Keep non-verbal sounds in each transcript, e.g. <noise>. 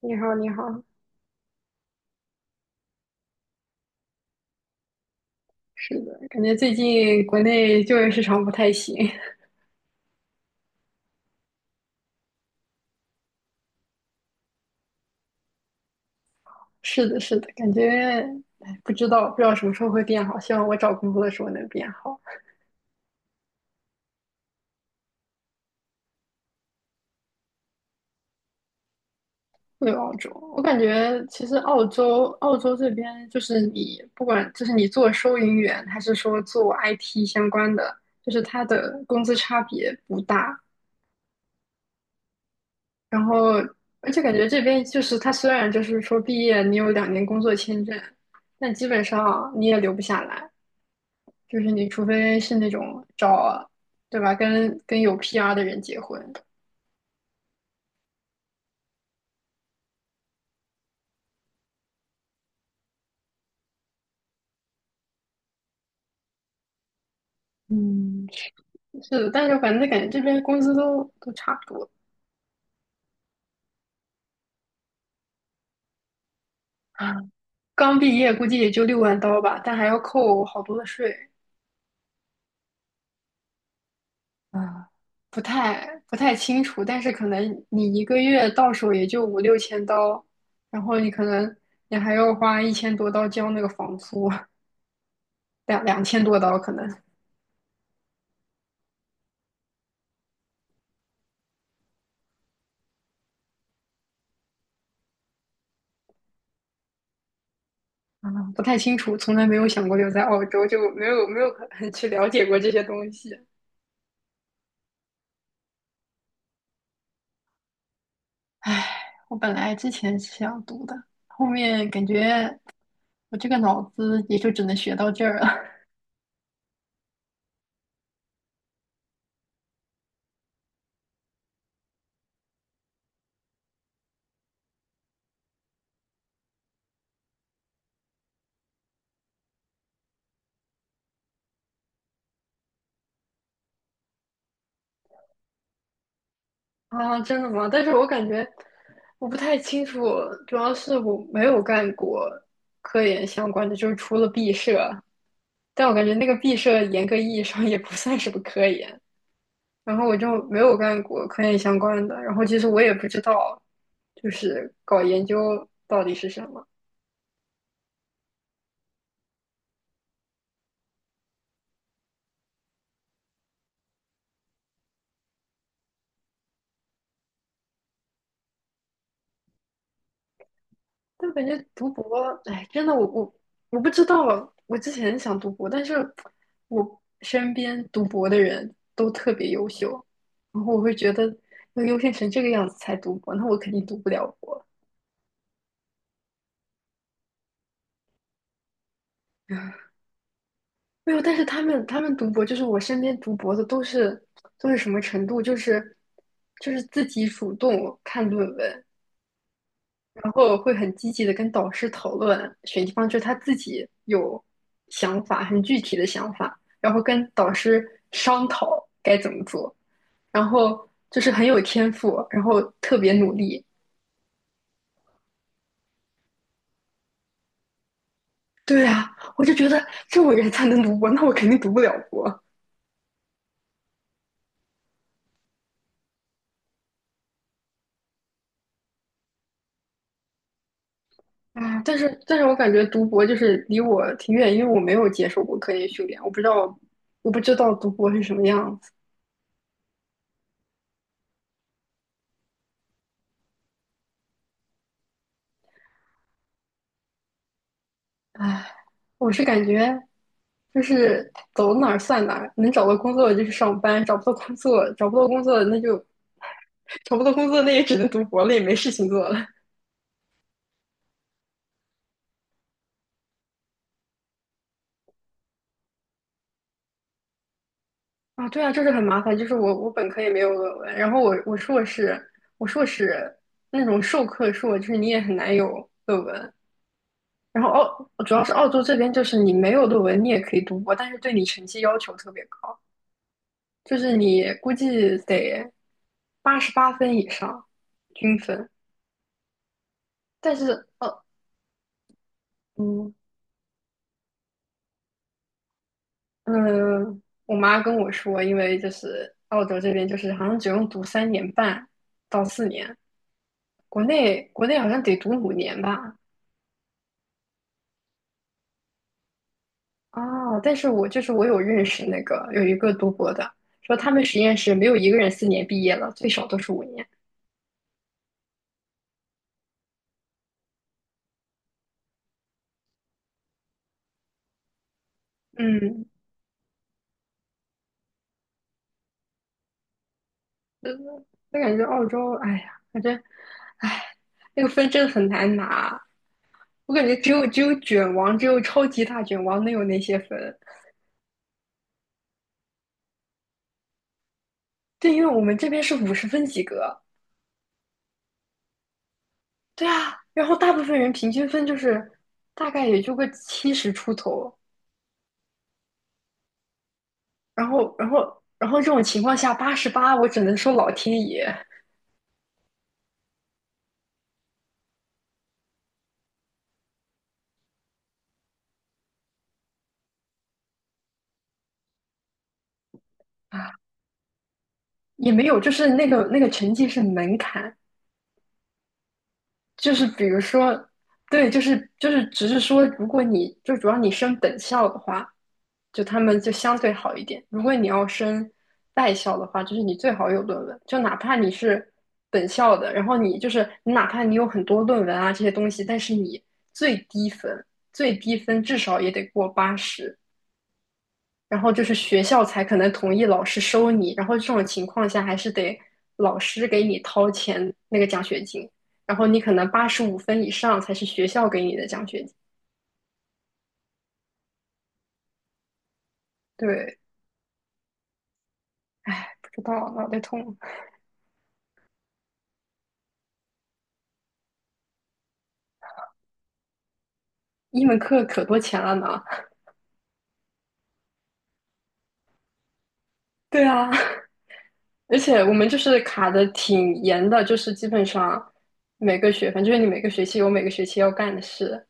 你好，你好，是的，感觉最近国内就业市场不太行。<laughs> 是的，是的，感觉，哎，不知道什么时候会变好。希望我找工作的时候能变好。对，澳洲，我感觉其实澳洲这边就是你不管就是你做收银员还是说做 IT 相关的，就是它的工资差别不大。然后，而且感觉这边就是它虽然就是说毕业你有2年工作签证，但基本上你也留不下来。就是你除非是那种找啊，对吧？跟有 PR 的人结婚。嗯，是的。但是反正感觉这边工资都差不多。啊，刚毕业估计也就6万刀吧，但还要扣好多的税。啊，不太清楚。但是可能你一个月到手也就五六千刀，然后你可能你还要花1000多刀交那个房租，2000多刀可能。嗯，不太清楚，从来没有想过留在澳洲，就没有很 <laughs> 去了解过这些东西。唉，我本来之前是想读的，后面感觉我这个脑子也就只能学到这儿了。<laughs> 啊，真的吗？但是我感觉我不太清楚，主要是我没有干过科研相关的，就是除了毕设，但我感觉那个毕设严格意义上也不算什么科研。然后我就没有干过科研相关的，然后其实我也不知道，就是搞研究到底是什么。但感觉读博，哎，真的我不知道，我之前想读博。但是我身边读博的人都特别优秀，然后我会觉得要优秀成这个样子才读博，那我肯定读不了博。<laughs> 没有，但是他们读博，就是我身边读博的都是什么程度？就是自己主动看论文，然后会很积极的跟导师讨论选地方，就是他自己有想法，很具体的想法，然后跟导师商讨该怎么做，然后就是很有天赋，然后特别努力。对啊，我就觉得这种人才能读博，那我肯定读不了博。啊，但是我感觉读博就是离我挺远，因为我没有接受过科研训练，我不知道读博是什么样子。唉，我是感觉就是走哪儿算哪儿，能找到工作就去上班，找不到工作，找不到工作那就 <laughs> 找不到工作，那也只能读博了，也没事情做了。<laughs> 啊，对啊，就是很麻烦。就是我本科也没有论文，然后我硕士那种授课硕，就是你也很难有论文。然后主要是澳洲这边，就是你没有论文你也可以读博，但是对你成绩要求特别高。就是你估计得88分以上均分。但是，嗯嗯。我妈跟我说，因为就是澳洲这边就是好像只用读3年半到四年，国内好像得读五年吧。啊，但是我就是我有认识那个有一个读博的，说他们实验室没有一个人四年毕业了，最少都是五年。嗯，那感觉澳洲，哎呀，反正。唉，那个分真的很难拿。我感觉只有卷王，只有超级大卷王能有那些分。对，因为我们这边是50分及格。对啊，然后大部分人平均分就是大概也就个70出头。然后这种情况下，八十八，我只能说老天爷啊。也没有，就是那个成绩是门槛，就是比如说，对，就是只是说，如果你就主要你升本校的话，就他们就相对好一点。如果你要升外校的话，就是你最好有论文，就哪怕你是本校的，然后你就是你哪怕你有很多论文啊这些东西，但是你最低分最低分至少也得过八十，然后就是学校才可能同意老师收你，然后这种情况下还是得老师给你掏钱那个奖学金，然后你可能85分以上才是学校给你的奖学金。对，不知道，脑袋痛。一门课可多钱了呢。<laughs> 对啊，而且我们就是卡的挺严的，就是基本上每个学分，就是你每个学期要干的事，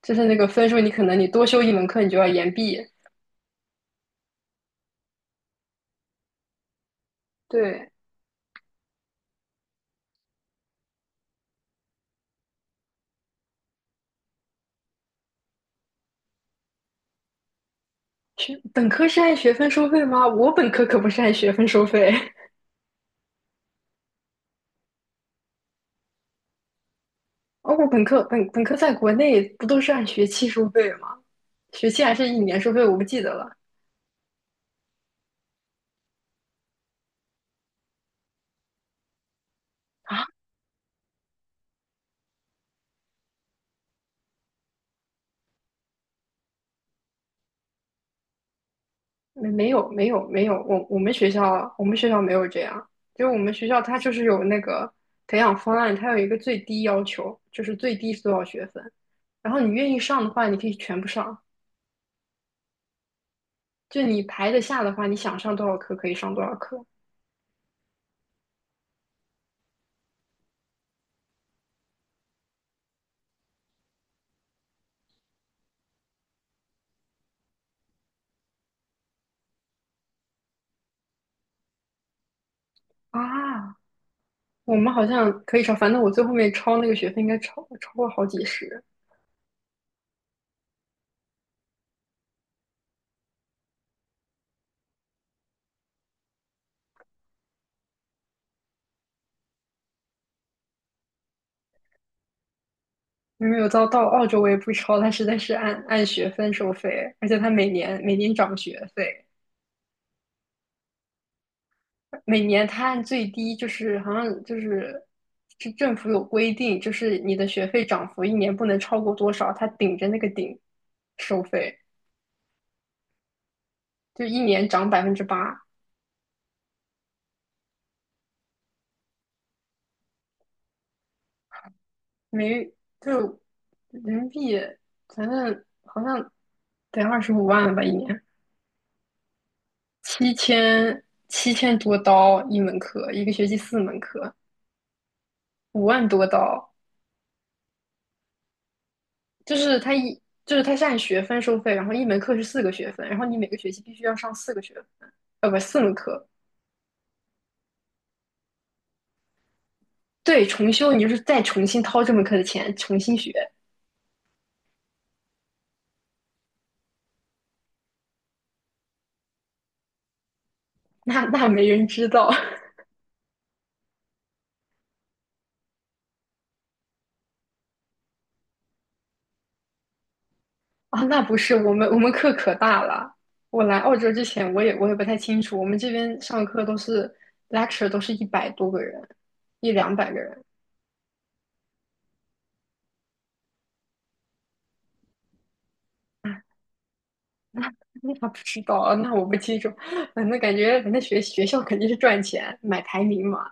就是那个分数，你可能你多修一门课你就要延毕。对，学本科是按学分收费吗？我本科可不是按学分收费。<laughs> 哦，我本科在国内不都是按学期收费吗？学期还是一年收费，我不记得了。啊，没有，我们学校没有这样。就我们学校它就是有那个培养方案，它有一个最低要求，就是最低是多少学分，然后你愿意上的话，你可以全部上，就你排得下的话，你想上多少课可以上多少课。啊，我们好像可以超，反正我最后面超那个学费应该超过好几十，因为有到澳洲我也不超，它实在是按学分收费，而且它每年每年涨学费。每年它按最低就是好像是政府有规定，就是你的学费涨幅一年不能超过多少，它顶着那个顶收费，就一年涨8%。没就是人民币，反正好像得25万吧一年，七千7000多刀一门课，一个学期四门课，5万多刀。就是就是他是按学分收费，然后一门课是四个学分，然后你每个学期必须要上四个学分，不，四门课。对，重修你就是再重新掏这门课的钱，重新学，那没人知道 <laughs> 啊，那不是我们课可大了。我来澳洲之前，我也不太清楚，我们这边上课都是 lecture 都是100多个人，一两百个人。那还不知道，那我不清楚。<laughs> 反正感觉那学校肯定是赚钱，买排名嘛。